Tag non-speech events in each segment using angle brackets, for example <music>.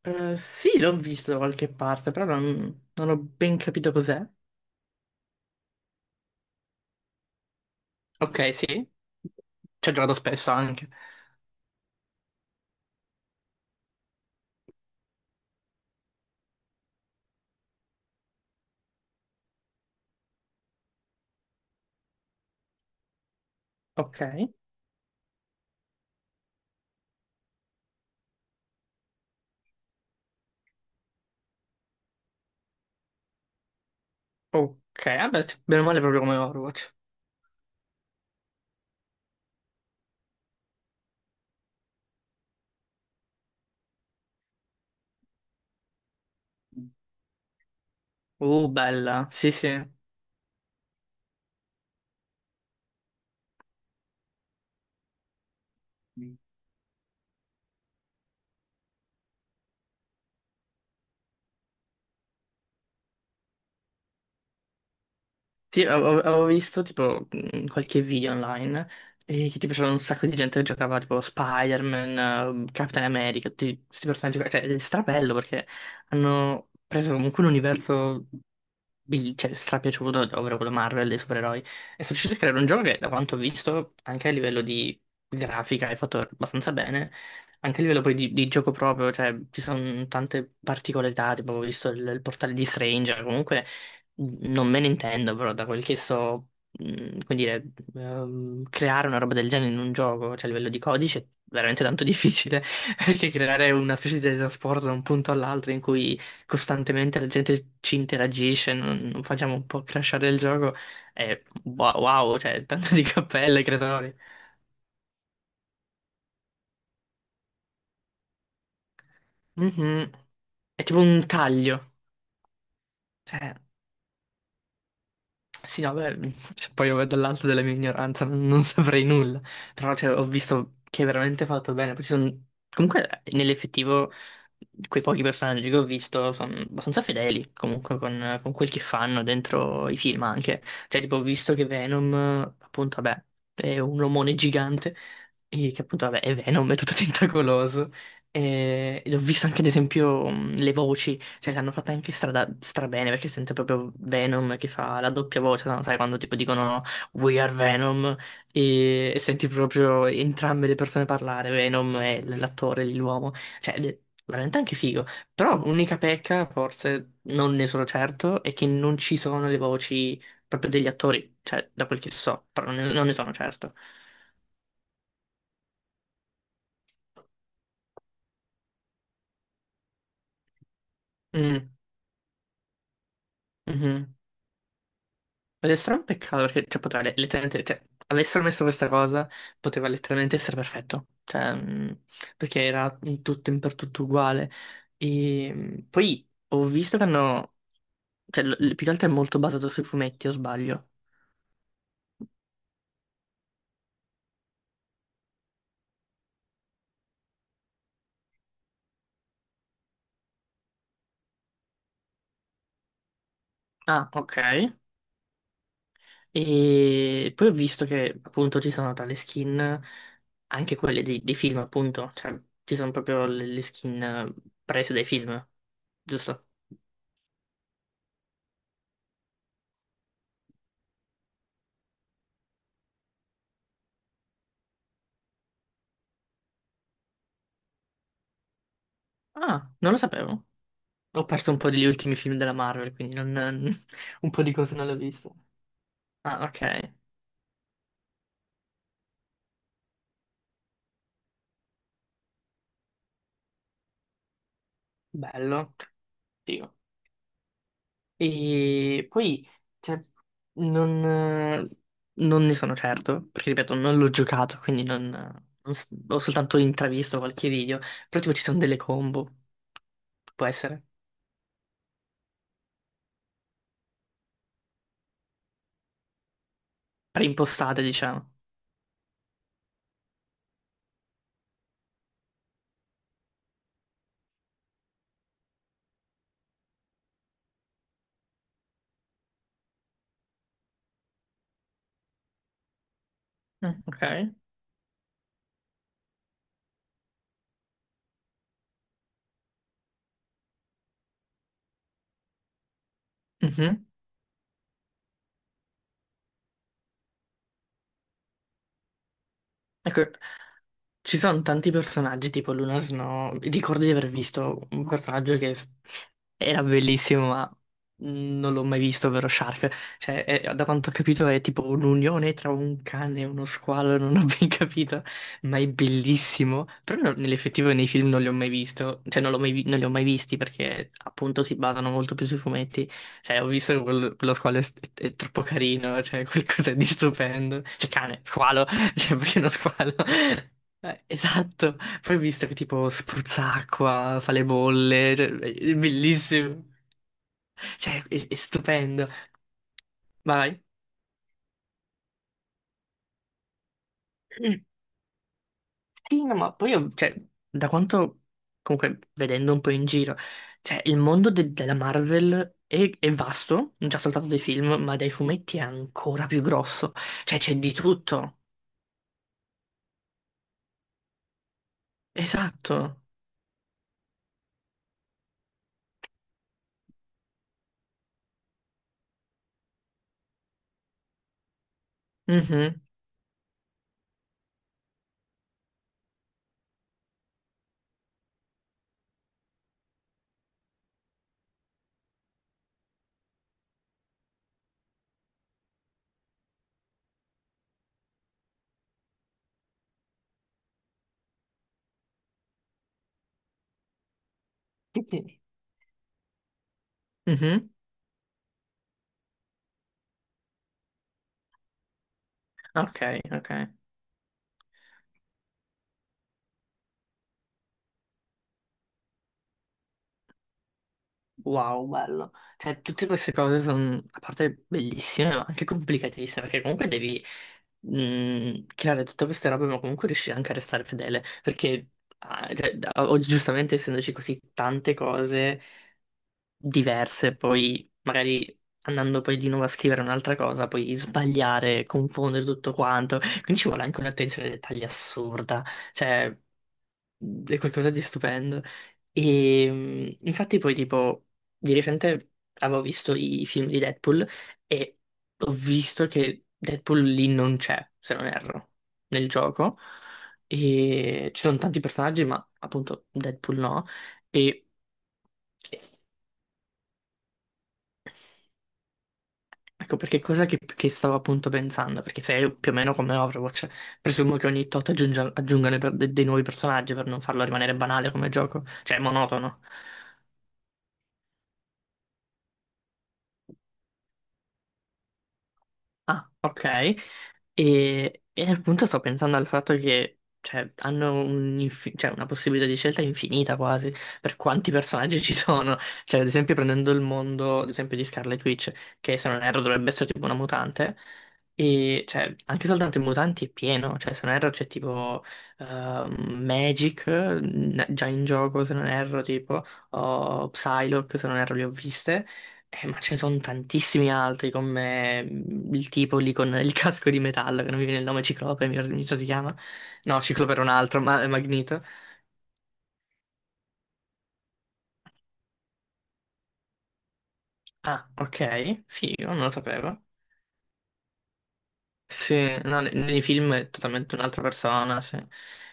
Sì, l'ho visto da qualche parte, però non ho ben capito cos'è. Ok, sì, ci ho giocato spesso anche. Ok, ok, vabbè, bene o male proprio come Overwatch. Bella, sì, sì. Sì, avevo visto tipo qualche video online e che tipo c'era un sacco di gente che giocava tipo Spider-Man, Captain America, tutti questi personaggi, qua. Cioè è strabello perché hanno preso comunque un universo cioè, strapiaciuto, ovvero quello Marvel dei supereroi, e sono riusciti a creare un gioco che da quanto ho visto anche a livello di grafica è fatto abbastanza bene, anche a livello poi di gioco proprio, cioè ci sono tante particolarità, tipo ho visto il portale di Stranger, comunque. Non me ne intendo, però, da quel che so, come dire, creare una roba del genere in un gioco, cioè a livello di codice, è veramente tanto <laughs> difficile, perché creare una specie di teletrasporto da un punto all'altro in cui costantemente la gente ci interagisce, non facciamo un po' crashare il gioco, è wow, cioè tanto di cappelle ai creatori. Mhm. È tipo un taglio. Cioè, sì, no, beh, cioè, poi io dall'alto della mia ignoranza non saprei nulla, però cioè, ho visto che è veramente fatto bene. Poi ci sono. Comunque, nell'effettivo, quei pochi personaggi che ho visto sono abbastanza fedeli, comunque, con quel che fanno dentro i film anche. Cioè, tipo, ho visto che Venom, appunto, vabbè, è un omone gigante, e che appunto, vabbè, è Venom, è tutto <laughs> tentacoloso. E, ed ho visto anche, ad esempio, le voci. Cioè, l'hanno fatta anche strabene perché sente proprio Venom che fa la doppia voce, no? Sai, quando tipo dicono no, we are Venom e senti proprio entrambe le persone parlare, Venom e l'attore, l'uomo. Cioè, ed è veramente anche figo. Però l'unica pecca, forse, non ne sono certo, è che non ci sono le voci proprio degli attori, cioè, da quel che so, però non ne sono certo. Mm, mhm. Ed è strano un peccato perché cioè, poteva letteralmente, cioè, avessero messo questa cosa, poteva letteralmente essere perfetto, cioè, perché era in tutto in per tutto uguale. E poi ho visto che hanno, cioè, più che altro è molto basato sui fumetti, o sbaglio? Ah, ok. E poi ho visto che appunto ci sono tra le skin, anche quelle dei film, appunto, cioè, ci sono proprio le skin prese dai film, giusto? Ah, non lo sapevo. Ho perso un po' degli ultimi film della Marvel, quindi non. <laughs> Un po' di cose non le ho viste. Ah, ok. Bello. Figo. E poi, cioè, non, eh, non ne sono certo, perché ripeto, non l'ho giocato, quindi non, ho soltanto intravisto qualche video. Però tipo ci sono delle combo, può essere, preimpostate, diciamo. Mm, ok. Mhm. Ecco, ci sono tanti personaggi, tipo Luna Snow. Ricordo di aver visto un personaggio che era bellissimo, ma non l'ho mai visto, ovvero Shark. Cioè, da quanto ho capito è tipo un'unione tra un cane e uno squalo, non ho <laughs> ben capito, ma è bellissimo. Però nell'effettivo nei film non li ho mai visto, cioè non, l'ho mai vi- non li ho mai visti perché appunto si basano molto più sui fumetti. Cioè, ho visto che quello squalo è troppo carino, cioè qualcosa di stupendo. Cioè, cane, squalo, <laughs> cioè perché uno squalo? Esatto. Poi ho visto che tipo spruzza acqua, fa le bolle, cioè, è bellissimo. Cioè, è stupendo. Ma vai. Mm. Sì, no, ma poi, cioè, da quanto, comunque, vedendo un po' in giro, cioè, il mondo della Marvel è vasto, non già soltanto dei film, ma dai fumetti è ancora più grosso. Cioè, c'è di tutto. Esatto. Mhm. Sì, sì. Mhm. Ok, ok. Wow, bello. Cioè, tutte queste cose sono, a parte bellissime, ma anche complicatissime, perché comunque devi creare tutte queste robe, ma comunque riuscire anche a restare fedele, perché ah, cioè, oggi giustamente essendoci così tante cose diverse, poi magari andando poi di nuovo a scrivere un'altra cosa, poi sbagliare, confondere tutto quanto, quindi ci vuole anche un'attenzione ai dettagli assurda, cioè, è qualcosa di stupendo. E infatti poi tipo di recente avevo visto i film di Deadpool e ho visto che Deadpool lì non c'è, se non erro, nel gioco. E ci sono tanti personaggi, ma appunto Deadpool no. E ecco perché cosa che stavo appunto pensando, perché se è più o meno come Overwatch, presumo che ogni tot aggiungano dei nuovi personaggi per non farlo rimanere banale come gioco, cioè monotono. Ah, ok. E appunto sto pensando al fatto che cioè, hanno un cioè, una possibilità di scelta infinita quasi per quanti personaggi ci sono. Cioè, ad esempio, prendendo il mondo, ad esempio, di Scarlet Witch, che se non erro dovrebbe essere tipo una mutante, e cioè, anche soltanto i mutanti è pieno. Cioè, se non erro c'è tipo già in gioco, se non erro, tipo, o Psylocke, se non erro, le ho viste. Ma ce ne sono tantissimi altri come il tipo lì con il casco di metallo, che non mi viene il nome Ciclope, mi sa si chiama. No, Ciclope era un altro, ma è Magneto. Ah, ok, figo, non lo sapevo. Sì, no, nei film è totalmente un'altra persona, sì.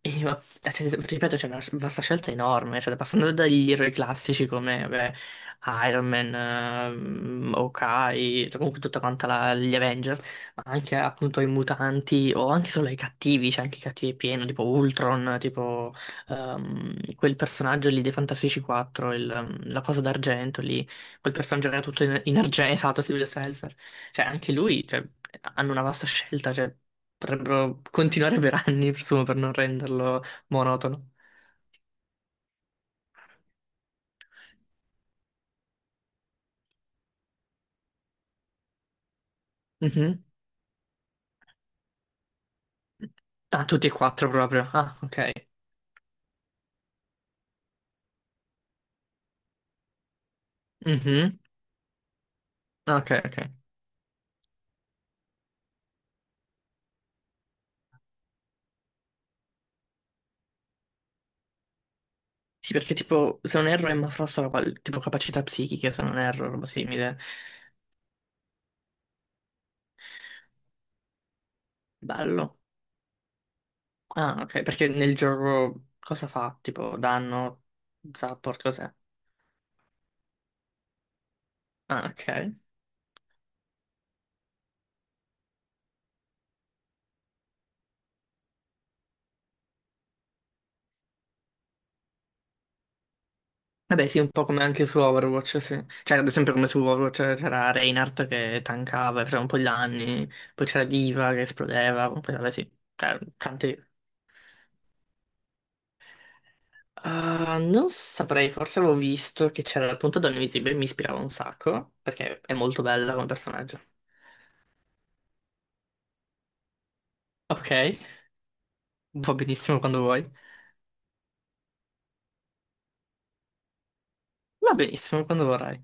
E, ma, cioè, ripeto, c'è una vasta scelta enorme, cioè, passando dagli eroi classici come vabbè, Iron Man, Hawkeye, cioè, comunque tutta quanta gli Avenger, ma anche appunto i mutanti o anche solo i cattivi, c'è anche i cattivi pieno, tipo Ultron, tipo quel personaggio lì dei Fantastici 4, la cosa d'argento lì, quel personaggio che era tutto in argento, esatto, Silver Surfer. Cioè, anche lui, cioè, hanno una vasta scelta, cioè, potrebbero continuare per anni, presumo, per non renderlo monotono. Mhm. Ah, tutti e quattro proprio. Ah, ok. Mhm. Ok, ok. Sì, perché tipo, se non erro, Emma Frost aveva tipo capacità psichiche, se non erro, roba simile. Bello. Ah, ok, perché nel gioco cosa fa? Tipo, danno, support, cos'è? Ah, ok. Vabbè, sì, un po' come anche su Overwatch, sì. Cioè, ad esempio come su Overwatch c'era Reinhardt che tankava, faceva un po' di danni, poi c'era Diva che esplodeva, poi vabbè sì, cioè, tanti. Ah, non saprei, forse avevo visto che c'era il punto donna invisibile, mi ispirava un sacco, perché è molto bella come personaggio. Ok, va benissimo quando vuoi. Va benissimo quando vorrai.